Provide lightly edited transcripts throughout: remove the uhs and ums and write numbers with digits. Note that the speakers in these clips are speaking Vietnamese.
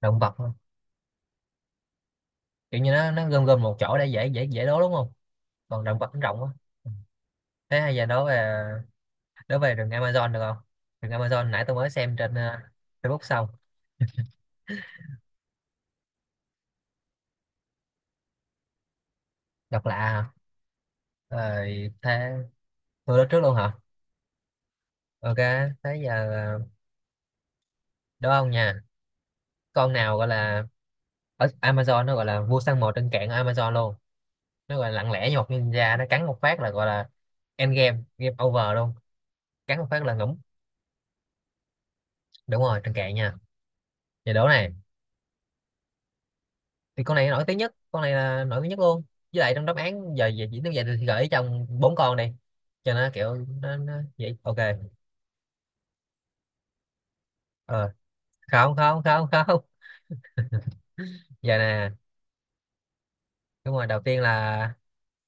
Động vật thôi. Kiểu như nó gom gom một chỗ để dễ dễ dễ đố đúng không? Còn động vật nó rộng quá. Ừ. Thế hay giờ đố về, đố về rừng Amazon được không? Rừng Amazon nãy tôi mới xem trên Facebook xong. Độc lạ hả? Rồi thế. Tôi đố trước luôn hả? Ok, thế giờ đố ông nha. Con nào gọi là, ở Amazon nó gọi là vua săn mồi trên cạn ở Amazon luôn, nó gọi là lặng lẽ như một ninja, nó cắn một phát là gọi là end game, game over luôn. Cắn một phát là ngủm. Đúng rồi, trên cạn nha. Giờ đố này. Thì con này nổi tiếng nhất, con này là nổi tiếng nhất luôn. Với lại trong đáp án giờ về chỉ tiêu vậy thì gợi ý trong bốn con này cho nó kiểu nó vậy, ok. Ờ, không không không không. Giờ nè, đúng rồi, đầu tiên là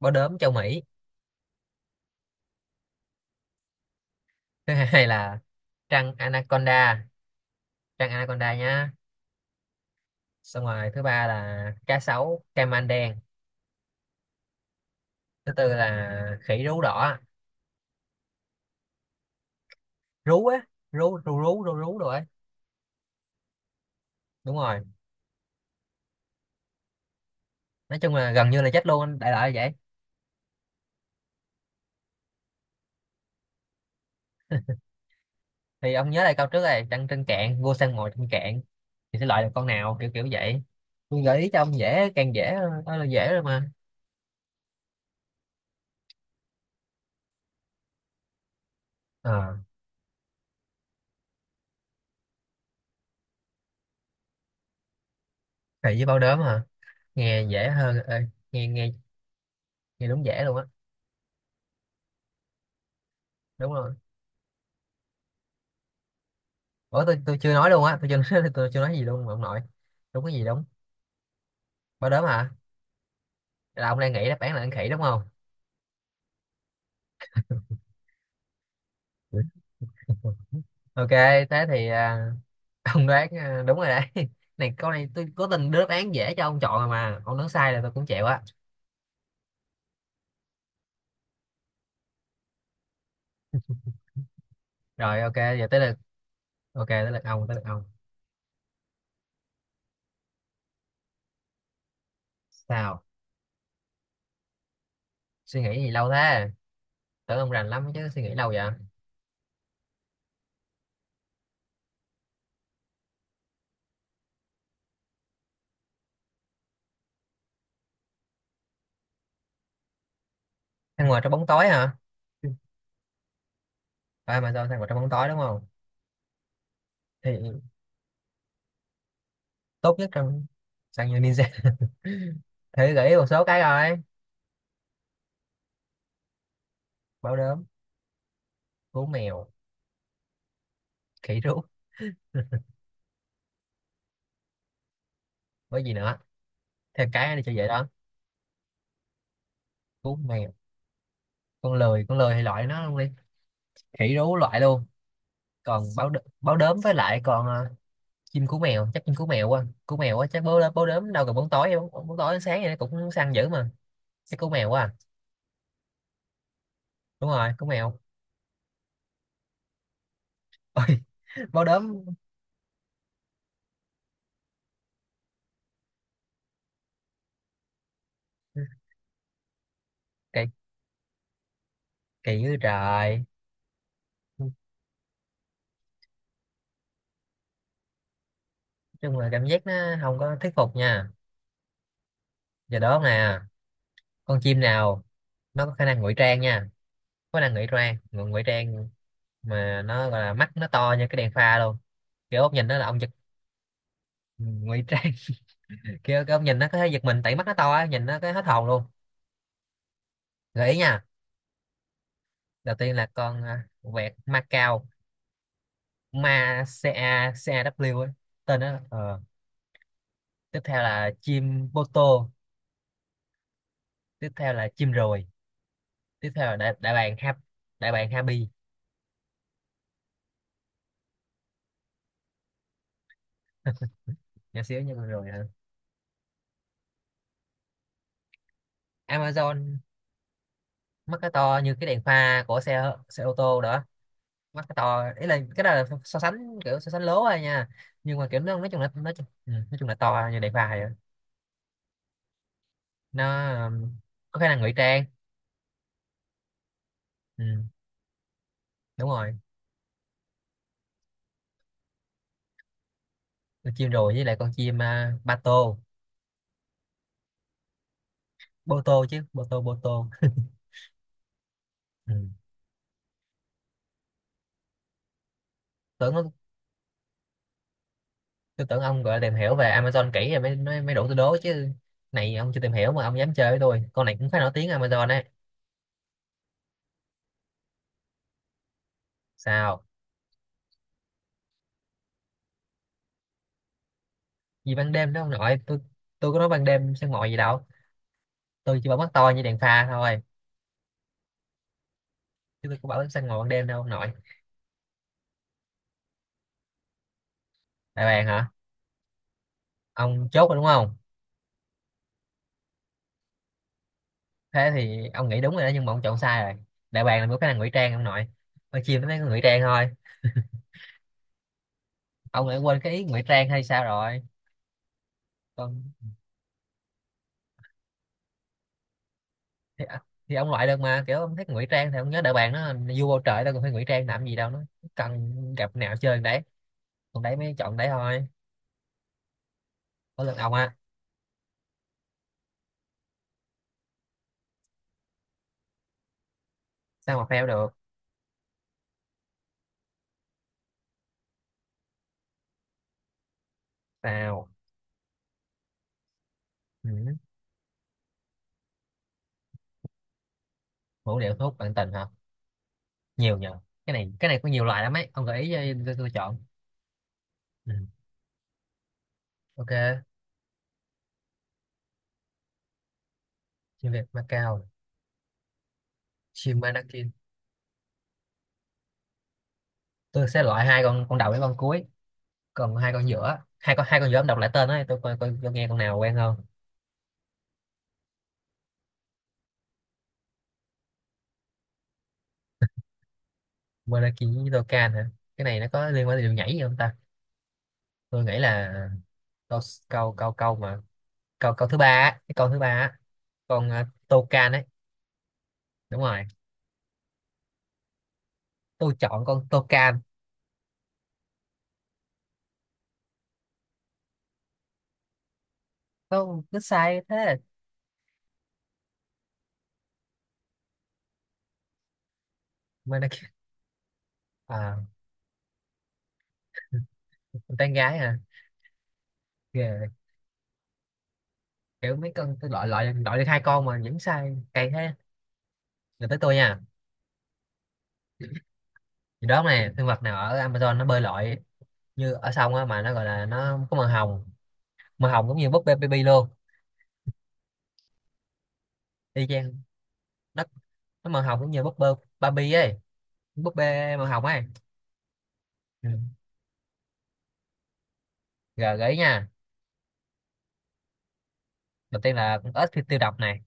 bó đốm châu Mỹ. Thứ hai là trăng anaconda. Trăng anaconda nhá. Xong rồi thứ ba là cá sấu caiman đen. Thứ tư là khỉ rú đỏ. Rú á. Rú rú rú rú rú rồi. Đúng rồi. Nói chung là gần như là chết luôn, đại loại là vậy. Thì ông nhớ lại câu trước này, trăng trên cạn, vua săn mồi trên cạn, thì sẽ loại được con nào kiểu kiểu vậy. Tôi gợi ý cho ông dễ càng dễ. Đó là dễ rồi mà. Ờ, thầy với bao đốm hả? Nghe dễ hơn. Ê, nghe nghe, nghe đúng dễ luôn á. Đúng rồi. Ủa tôi chưa nói luôn á, tôi chưa nói, tôi chưa nói gì luôn mà ông nội. Đúng cái gì đúng. Bao đốm hả? Là ông đang nghĩ đáp án là ăn khỉ đúng không? Ừ. Ok, thế thì ông đoán đúng rồi đấy. Này câu này tôi cố tình đưa đáp án dễ cho ông chọn rồi mà ông đoán sai là tôi cũng chịu á. Rồi ok, giờ tới lượt. Ok, tới lượt ông, tới lượt ông. Sao? Suy nghĩ gì lâu thế? Tưởng ông rành lắm chứ, suy nghĩ lâu vậy. Ăn ngoài trong bóng tối hả? À mà sao ăn ngoài trong bóng tối đúng không? Thì tốt nhất trong, sang như ninja. Thử gửi một số cái rồi. Báo đốm. Cú mèo. Khỉ rú. Với gì nữa? Thêm cái đi cho dễ đó. Cú mèo. Con lười, con lười thì loại nó luôn đi. Khỉ rú loại luôn. Còn báo đ... báo đốm với lại còn chim cú mèo, chắc chim cú mèo quá, cú mèo quá, chắc báo đốm đâu cần bóng tối, bóng tối sáng vậy nó cũng săn dữ mà. Chắc cú mèo quá à. Đúng rồi, cú mèo. Ôi, báo đốm. Kỳ, kỳ dữ trời. Nói chung là cảm giác nó không có thuyết phục nha. Giờ đó nè, con chim nào nó có khả năng ngụy trang nha, có khả năng ngụy trang, ngụy trang, mà nó gọi là mắt nó to như cái đèn pha luôn, kiểu ông nhìn nó là ông giật. Ừ, ngụy trang. Kiểu cái ông nhìn nó có thể giật mình tại mắt nó to á, nhìn nó cái hết hồn luôn. Gợi ý nha. Đầu tiên là con vẹt Macau, ma ca caw ấy. Tên đó. Ờ. Tiếp theo là chim bô tô. Tiếp theo là chim ruồi. Tiếp theo là đại bàng hap, đại bàng Happy. Nhỏ xíu nhưng mà rồi hả? Amazon. Mắt cái to như cái đèn pha của xe xe ô tô đó. Mắt cái to ý là cái đó là so sánh, kiểu so sánh lố thôi nha, nhưng mà kiểu nó nói chung là nó nói chung ừ, nói chung là to như đèn pha vậy. Nó um, có khả năng ngụy trang. Ừ. Đúng rồi. Con chim rồi với lại con chim ba tô. Bô tô chứ, bô tô, bô tô. Ừ. Tưởng nó- tôi tưởng ông gọi là tìm hiểu về Amazon kỹ rồi mới mới, mới đủ tôi đố chứ. Này ông chưa tìm hiểu mà ông dám chơi với tôi, con này cũng khá nổi tiếng Amazon. Sao? Gì ban đêm đó ông nội tôi có nói ban đêm săn mồi gì đâu, tôi chỉ bảo mắt to như đèn pha thôi. Chứ tôi có bảo săn mồi ban đêm đâu ông nội. Đại bàng hả? Ông chốt rồi đúng không? Thế thì ông nghĩ đúng rồi đó, nhưng mà ông chọn sai rồi. Đại bàng là một cái năng ngụy trang ông nội, con chim nó mới có ngụy trang thôi. Ông lại quên cái ý ngụy trang hay sao rồi? Còn, thì, thì ông loại được mà, kiểu ông thích ngụy trang thì ông nhớ đại bàng nó là vua bầu trời, đâu còn phải ngụy trang làm gì đâu, nó cần gặp nào chơi đấy, còn đấy mới chọn đấy thôi. Có lần ông á. Sao mà fail được? Sao? Ừ. Vũ điệu thu hút bạn tình hả? Nhiều nhờ. Cái này, cái này có nhiều loại lắm ấy, ông gợi ý cho tôi chọn. Ừ. Ok. Chim Việt Macao. Chim Manakin. Tôi sẽ loại hai con đầu với con cuối. Còn hai con giữa, hai con giữa ông đọc lại tên ấy tôi coi coi, tôi nghe con nào quen không. Manakin với Dokkan hả? Cái này nó có liên quan đến điệu nhảy gì không ta? Tôi nghĩ là câu câu câu câu mà câu câu thứ ba á, cái câu thứ ba á, con Dokkan ấy. Đúng rồi. Tôi chọn con Dokkan. Tôi cứ sai thế. Manakin. À, con tán gái hả? Ghê. Kiểu mấy con tôi loại loại loại được hai con mà vẫn sai cay thế. Là tới tôi nha. Thì đó này, sinh vật nào ở Amazon nó bơi lội như ở sông á mà nó gọi là nó có màu hồng, màu hồng cũng như búp bê baby luôn. Y chang. nó nó màu hồng cũng như búp bê Barbie ấy, búp bê màu hồng ấy. Ừ. Rồi gợi ý nha. Đầu tiên là con ếch tiêu tiêu độc này.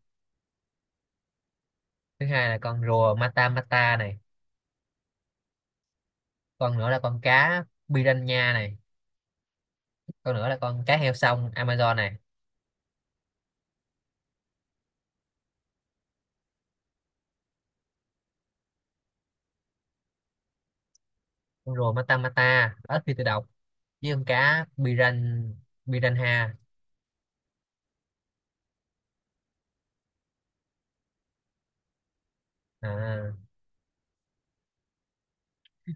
Thứ hai là con rùa mata mata này. Con nữa là con cá piranha này. Con nữa là con cá heo sông Amazon này. Con rùa mata mata, ếch phi tự độc, với con cá piran, piranha. À,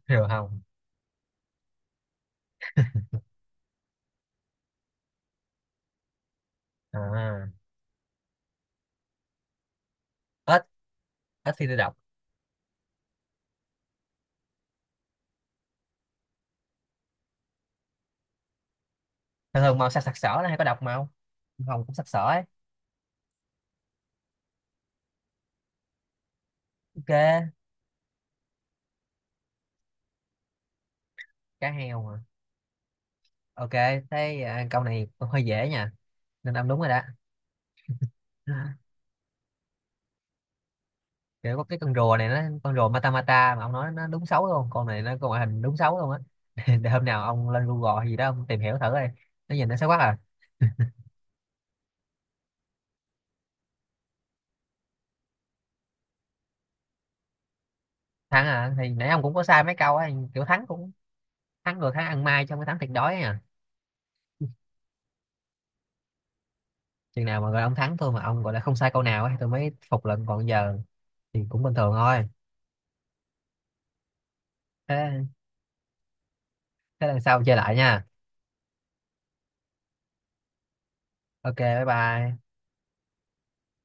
rùa hồng. À, ếch ếch phi tự độc. Thường thường màu sặc sặc sỡ là hay có độc, màu hồng cũng sặc sỡ ấy. Ok. Cá heo mà. Ok, thế câu này cũng hơi dễ nha, nên ông đúng rồi đó. Kiểu có cái con rùa này, nó con rùa mata mata mà ông nói, nó đúng xấu luôn, con này nó có ngoại hình đúng xấu luôn á. Để hôm nào ông lên Google hay gì đó ông tìm hiểu thử đi, nó nhìn nó xấu quá à. Thắng à? Thì nãy ông cũng có sai mấy câu á, kiểu thắng cũng, thắng rồi, thắng ăn mai trong cái thắng thiệt đói ấy à. Chừng nào mà gọi là ông thắng thôi mà ông gọi là không sai câu nào ấy tôi mới phục lận, còn giờ thì cũng bình thường thôi. Thế, thế lần sau chơi lại nha. Ok, bye bye.